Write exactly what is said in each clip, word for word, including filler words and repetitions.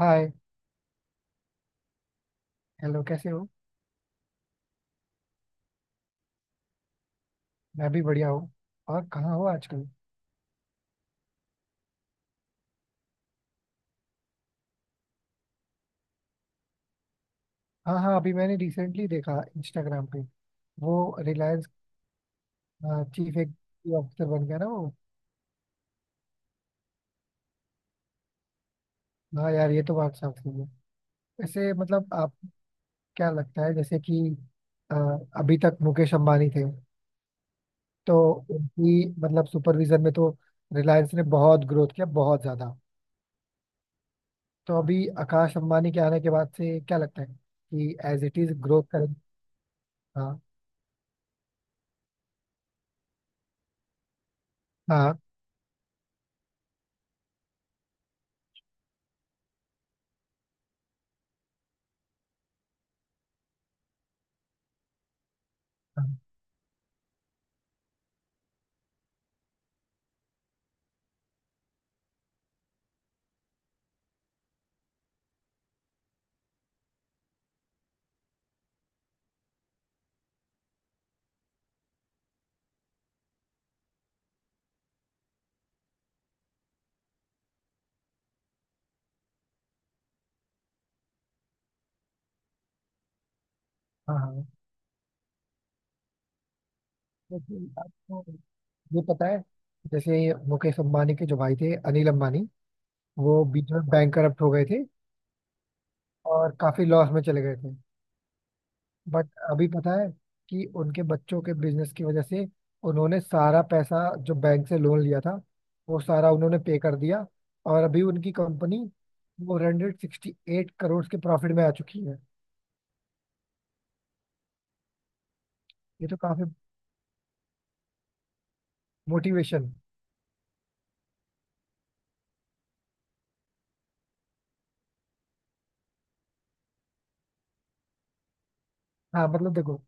हाय। Hello, कैसे हो? मैं भी बढ़िया हूँ। और कहाँ हो आजकल? हाँ हाँ, अभी मैंने रिसेंटली देखा इंस्टाग्राम पे वो रिलायंस चीफ एग्जीक्यूटिव ऑफिसर बन गया ना वो। हाँ यार, ये तो बात साफ सही है। वैसे मतलब आप क्या लगता है जैसे कि अ, अभी तक मुकेश अंबानी थे, तो उनकी मतलब सुपरविजन में तो रिलायंस ने बहुत ग्रोथ किया, बहुत ज़्यादा। तो अभी आकाश अंबानी के आने के बाद से क्या लगता है कि एज इट इज़ ग्रोथ करें? हाँ हाँ हाँ हाँ हाँ। लेकिन आपको ये पता है जैसे मुकेश अंबानी के जो भाई थे अनिल अंबानी, वो बीच में बैंकरप्ट हो गए थे और काफी लॉस में चले गए थे। बट अभी पता है कि उनके बच्चों के बिजनेस की वजह से उन्होंने सारा पैसा जो बैंक से लोन लिया था वो सारा उन्होंने पे कर दिया, और अभी उनकी company four hundred sixty eight crore के प्रॉफिट में आ चुकी है। ये तो काफी मोटिवेशन। हाँ मतलब देखो,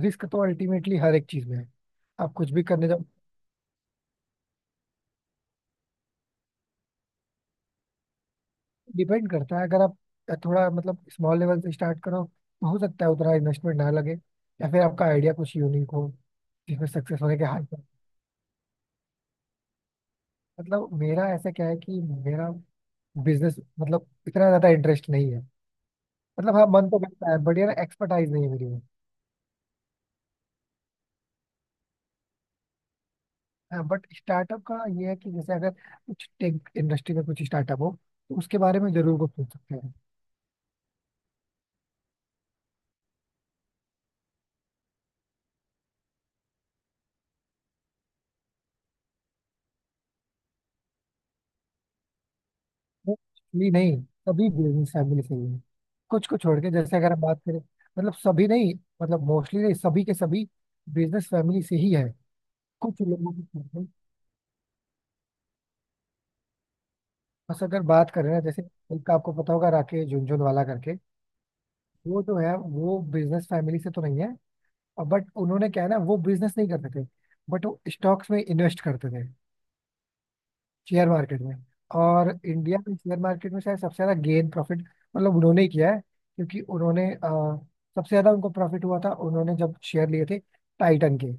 रिस्क तो अल्टीमेटली हर एक चीज में है, आप कुछ भी करने जाओ। डिपेंड करता है, अगर आप थोड़ा मतलब स्मॉल लेवल से स्टार्ट करो तो हो सकता है उतना इन्वेस्टमेंट ना लगे, या फिर आपका आइडिया कुछ यूनिक हो जिसमें सक्सेस होने के हाथ हैं। मतलब मेरा ऐसा क्या है कि मेरा बिजनेस मतलब इतना ज्यादा इंटरेस्ट नहीं है। मतलब हाँ, मन तो करता है बट यार एक्सपर्टाइज नहीं है मेरी में। बट स्टार्टअप का ये है कि जैसे अगर कुछ टेक इंडस्ट्री में कुछ स्टार्टअप हो तो उसके बारे में जरूर कुछ सोच सकते हैं। मोस्टली नहीं, सभी बिजनेस फैमिली से ही है। कुछ को छोड़ के, जैसे अगर हम बात करें, मतलब सभी नहीं, मतलब मोस्टली नहीं, सभी के सभी बिजनेस फैमिली से ही है। कुछ लोगों की family- बस अगर बात करें ना, जैसे एक आपको पता होगा राकेश झुनझुनवाला करके, वो जो है वो बिजनेस फैमिली से तो नहीं है। बट उन्होंने क्या है ना, वो बिजनेस नहीं करते थे बट वो स्टॉक्स में इन्वेस्ट करते थे, शेयर मार्केट में। और इंडिया में शेयर मार्केट में शायद सबसे ज्यादा गेन प्रॉफिट मतलब उन्होंने ही किया है, क्योंकि उन्होंने अ, सबसे ज्यादा उनको प्रॉफिट हुआ था उन्होंने जब शेयर लिए थे टाइटन के।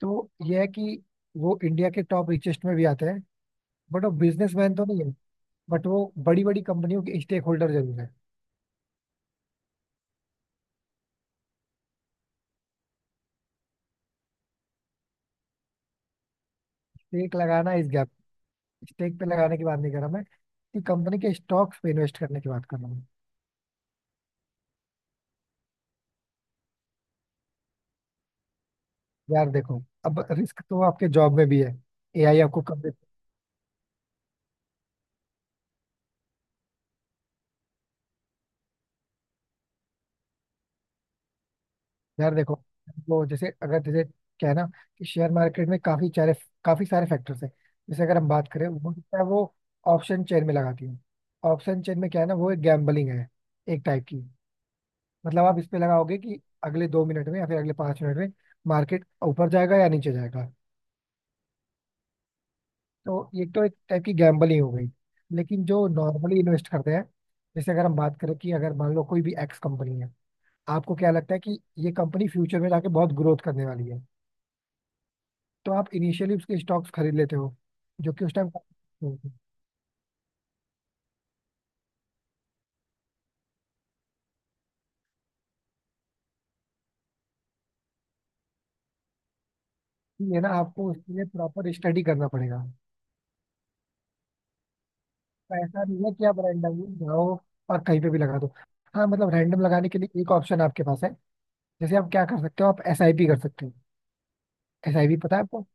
तो यह है कि वो इंडिया के टॉप रिचेस्ट में भी आते हैं, बट वो बिजनेसमैन तो नहीं है, बट वो बड़ी बड़ी कंपनियों के स्टेक होल्डर जरूर है। स्टेक लगाना इस गैप, स्टेक पे लगाने की बात नहीं कर रहा मैं, कि कंपनी के स्टॉक्स पे इन्वेस्ट करने की बात कर रहा हूँ। यार देखो, अब रिस्क तो आपके जॉब में भी है, ए आई आपको कब। यार देखो, वो जैसे अगर जैसे क्या है ना कि शेयर मार्केट में काफी सारे काफी सारे फैक्टर्स हैं। जैसे अगर हम बात करें वो क्या है, वो ऑप्शन चेन में लगाती है। ऑप्शन चेन में क्या है ना, वो एक गैम्बलिंग है एक टाइप की। मतलब आप इस पे लगाओगे कि अगले दो मिनट में या फिर अगले पांच मिनट में मार्केट ऊपर जाएगा या नीचे जाएगा। तो ये तो एक टाइप की गैम्बलिंग हो गई। लेकिन जो नॉर्मली इन्वेस्ट करते हैं, जैसे अगर हम बात करें कि अगर मान लो कोई भी एक्स कंपनी है, आपको क्या लगता है कि ये कंपनी फ्यूचर में जाके बहुत ग्रोथ करने वाली है, तो आप इनिशियली उसके स्टॉक्स खरीद लेते हो जो कि उस टाइम, ये ना आपको उसके लिए प्रॉपर स्टडी करना पड़ेगा। तो ऐसा नहीं है कि आप रैंडमली जाओ और कहीं पे भी लगा दो। हाँ मतलब रैंडम लगाने के लिए एक ऑप्शन आपके पास है, जैसे आप क्या कर सकते हो, आप एस आई पी कर सकते हो। एस आई पी पता है आपको?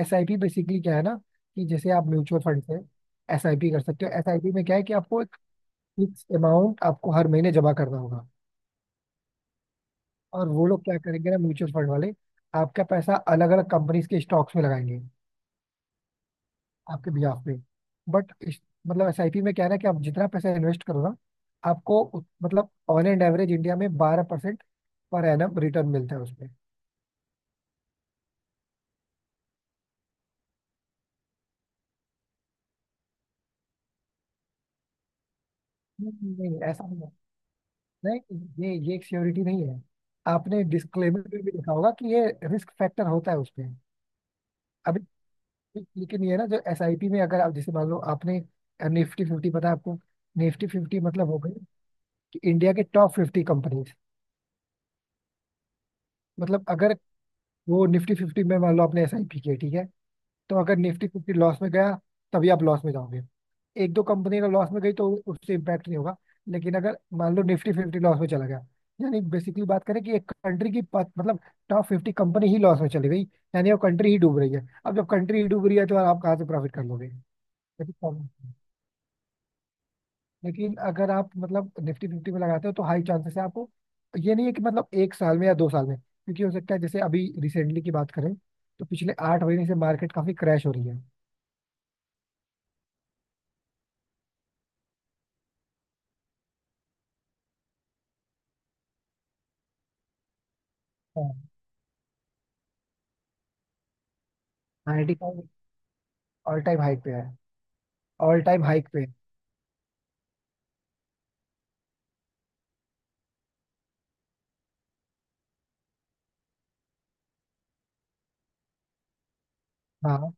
एस आई पी बेसिकली क्या है ना कि जैसे आप म्यूचुअल फंड से एस आई पी कर सकते हो। एस आई पी में क्या है कि आपको एक फिक्स अमाउंट आपको हर महीने जमा करना होगा, और वो लोग क्या करेंगे ना म्यूचुअल फंड वाले, आपका पैसा अलग अलग कंपनीज के स्टॉक्स में लगाएंगे आपके बिहाफ पे। बट मतलब एस आई पी में क्या है ना कि आप जितना पैसा इन्वेस्ट करो ना, आपको उत- मतलब ऑन एंड एवरेज इंडिया में बारह परसेंट पर एनम रिटर्न मिलता है उसमें। नहीं नहीं, ऐसा नहीं है। नहीं, ये ये एक सियोरिटी नहीं है। आपने डिस्क्लेमर में भी लिखा होगा कि ये रिस्क फैक्टर होता है उसमें। अभी लेकिन ये ना, जो एस आई पी में, अगर आप जैसे मान लो आपने निफ्टी फिफ्टी, पता है आपको? निफ्टी फिफ्टी मतलब हो गई कि इंडिया के टॉप फिफ्टी कंपनीज। मतलब अगर वो निफ्टी फिफ्टी में मान लो आपने एस आई पी किया, ठीक है, तो अगर निफ्टी फिफ्टी लॉस में गया तभी आप लॉस में जाओगे। एक दो कंपनी अगर लॉस में गई तो उससे इम्पैक्ट नहीं होगा। लेकिन अगर मान लो निफ्टी फिफ्टी लॉस में चला गया, यानी बेसिकली बात करें कि एक कंट्री की पा- मतलब टॉप फिफ्टी कंपनी ही लॉस में चली गई, यानी वो कंट्री ही डूब रही है। अब जब कंट्री ही डूब रही है तो आप कहाँ से प्रॉफिट कर लोगे, ये भी problem है। लेकिन अगर आप मतलब निफ्टी फिफ्टी में लगाते हो तो हाई चांसेस है आपको। ये नहीं है कि मतलब एक साल में या दो साल में, क्योंकि हो सकता है, जैसे अभी रिसेंटली की बात करें तो पिछले आठ महीने से मार्केट काफी क्रैश हो रही है। हाँ। Ninety five all time high पे है, ऑल टाइम हाइक पे। हाँ,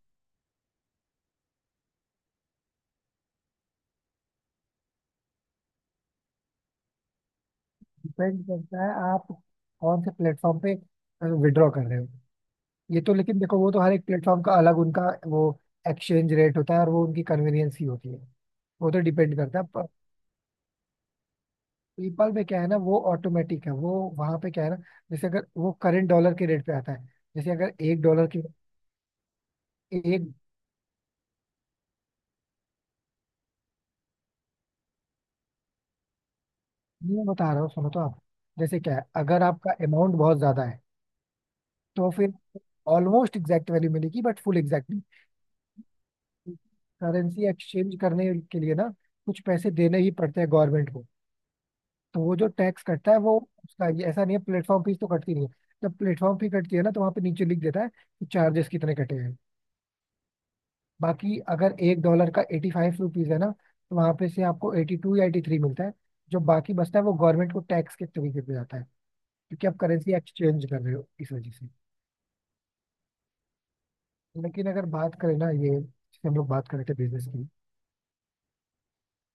डिपेंड करता है आप कौन से प्लेटफॉर्म पे विड्रॉ कर रहे हो। ये तो लेकिन देखो, वो तो हर एक प्लेटफॉर्म का अलग उनका वो एक्सचेंज रेट होता है, और वो उनकी कन्वीनियंस ही होती है, वो तो डिपेंड करता है। पेपाल में क्या है ना, वो ऑटोमेटिक है वो। वहां पे क्या है ना, जैसे अगर वो करेंट डॉलर के रेट पे आता है, जैसे अगर एक डॉलर के एक, मैं बता रहा हूँ सुनो तो आप, जैसे क्या है, अगर आपका अमाउंट बहुत ज्यादा है तो फिर ऑलमोस्ट एग्जैक्ट वैल्यू मिलेगी but full exact currency exchange करने के लिए ना कुछ पैसे देने ही पड़ते हैं गवर्नमेंट को। तो वो जो टैक्स कटता है वो, उसका ये ऐसा नहीं है, प्लेटफॉर्म फीस तो कटती नहीं है। जब प्लेटफॉर्म फी कटती है ना तो वहाँ पे नीचे लिख देता है कि चार्जेस कितने कटे हैं। बाकी अगर एक डॉलर का एटी फाइव रुपीज है ना, तो वहाँ पे से आपको एटी टू या एटी थ्री मिलता है। जो बाकी बचता है वो गवर्नमेंट को टैक्स के तरीके पे जाता है, क्योंकि आप करेंसी एक्सचेंज कर रहे हो इस वजह से। लेकिन अगर बात करें ना, ये जैसे हम लोग बात कर रहे थे बिजनेस की,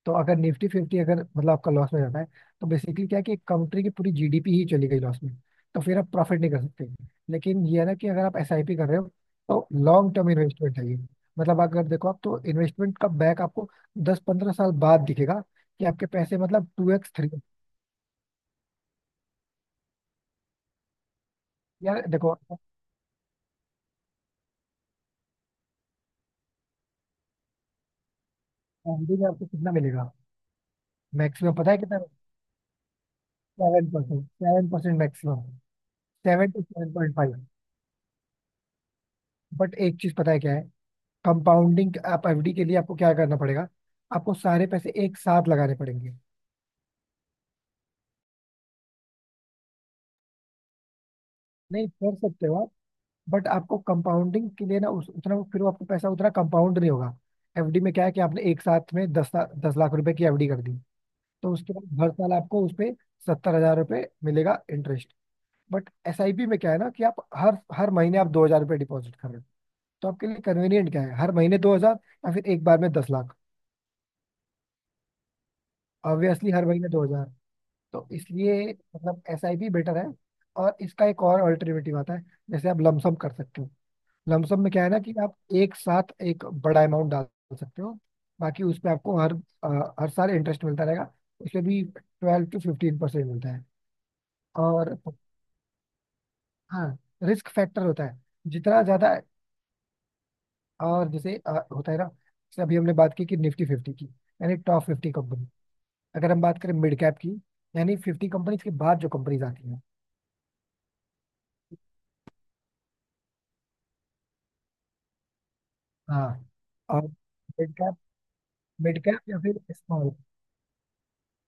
तो अगर निफ्टी फिफ्टी अगर मतलब आपका लॉस में जाता है, तो बेसिकली क्या है कि कंट्री की पूरी जी डी पी ही चली गई लॉस में, तो फिर आप प्रॉफिट नहीं कर सकते। लेकिन ये है ना कि अगर आप एस आई पी कर रहे हो तो लॉन्ग टर्म इन्वेस्टमेंट है ये। मतलब अगर देखो, आप तो इन्वेस्टमेंट का बैक आपको दस पंद्रह साल बाद दिखेगा, कि आपके पैसे मतलब टू एक्स थ्री। यार देखो, एफ डी में आपको कितना मिलेगा? मैक्सिमम पता है कितना? Seven percent, seven percent maximum, seven to seven point five. But एक चीज पता है क्या है, कंपाउंडिंग। आप एफ डी के लिए आपको क्या करना पड़ेगा, आपको सारे पैसे एक साथ लगाने पड़ेंगे। नहीं कर सकते हो आप, बट आपको कंपाउंडिंग के लिए ना उस, उतना वो- फिर वो आपको पैसा उतना कंपाउंड नहीं होगा। एफडी में क्या है कि आपने एक साथ में दस ला- दस लाख रुपए की एफ डी कर दी, तो उसके बाद हर साल आपको उस पे सत्तर हजार रुपये मिलेगा interest. But S I P में क्या है ना कि आप हर हर महीने आप दो हजार रुपये डिपॉजिट कर रहे हो। तो आपके लिए कन्वीनियंट क्या है, हर महीने दो हजार या फिर एक बार में दस लाख? ऑब्वियसली हर महीने दो हजार। तो इसलिए मतलब एस आई पी बेटर है। और इसका एक और अल्टरनेटिव आता है, जैसे आप लमसम कर सकते हो। लमसम में क्या है ना कि आप एक साथ एक बड़ा अमाउंट डाल सकते हो, बाकी उस पे आपको हर अ, हर साल इंटरेस्ट मिलता रहेगा। उसमें भी ट्वेल्व टू फिफ्टीन परसेंट मिलता है, और हाँ, रिस्क फैक्टर होता है जितना ज्यादा। और जैसे अ, होता है ना, जैसे अभी हमने बात की कि निफ्टी फिफ्टी की, यानी टॉप फिफ्टी कंपनी। अगर हम बात करें मिड कैप की, यानी फिफ्टी कंपनीज के बाद जो कंपनीज आती हैं, हाँ, और मिड कैप, मिड कैप या फिर स्मॉल,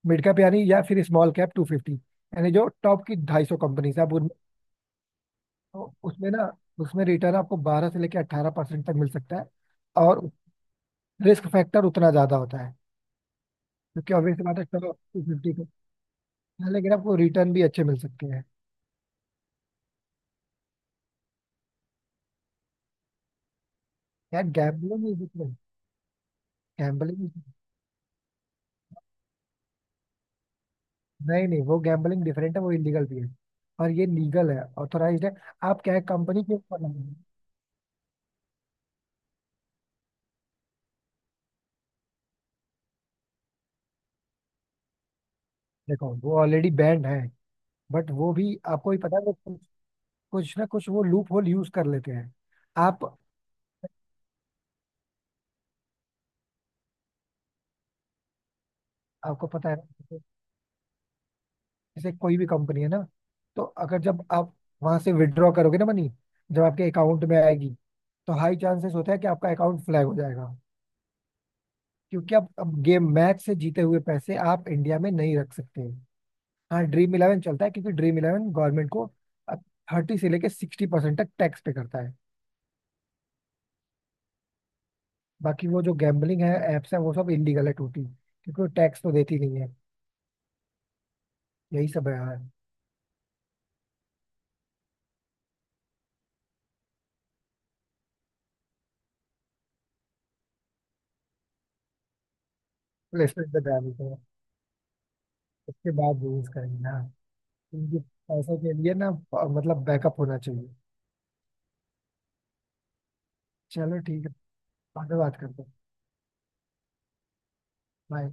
मिड कैप यानी या फिर स्मॉल कैप टू फिफ्टी, यानी जो टॉप की ढाई सौ कंपनीज है आप उनमें, तो उसमें ना, उसमें रिटर्न आपको बारह से लेकर अट्ठारह परसेंट तक मिल सकता है। और रिस्क फैक्टर उतना ज्यादा होता है, क्योंकि ऑब्वियस बात है टॉप टू फिफ्टी को। हाँ, लेकिन आपको रिटर्न भी अच्छे मिल सकते हैं। यार गैम्बलिंग इज डिफरेंट। गैम्बलिंग, नहीं नहीं, वो गैम्बलिंग डिफरेंट है, वो इलीगल भी है, और ये लीगल है, ऑथोराइज्ड है। आप क्या है, कंपनी के ऊपर नहीं है। देखो, वो ऑलरेडी बैंड है, बट वो भी आपको भी पता है वो कुछ, कुछ ना कुछ वो लूप होल यूज कर लेते हैं। आप, आपको पता है ना, जैसे जैसे कोई भी कंपनी है ना, तो अगर जब आप वहां से विड्रॉ करोगे ना मनी, जब आपके अकाउंट में आएगी, तो हाई चांसेस होता है कि आपका अकाउंट फ्लैग हो जाएगा। क्योंकि अब अब गेम मैच से जीते हुए पैसे आप इंडिया में नहीं रख सकते। हाँ, ड्रीम इलेवन चलता है, क्योंकि ड्रीम इलेवन गवर्नमेंट को थर्टी से लेके सिक्सटी परसेंट तक टैक्स पे करता है। बाकी वो जो गैम्बलिंग है एप्स है, वो सब इलीगल है टोटली, क्योंकि वो टैक्स तो देती नहीं है। यही सब है यार। प्लेसमेंट पे ध्यान देते हैं, उसके बाद यूज करेंगे ना, क्योंकि पैसों के लिए ना मतलब बैकअप होना चाहिए। चलो, ठीक है, बाद में बात करते हैं। Bye.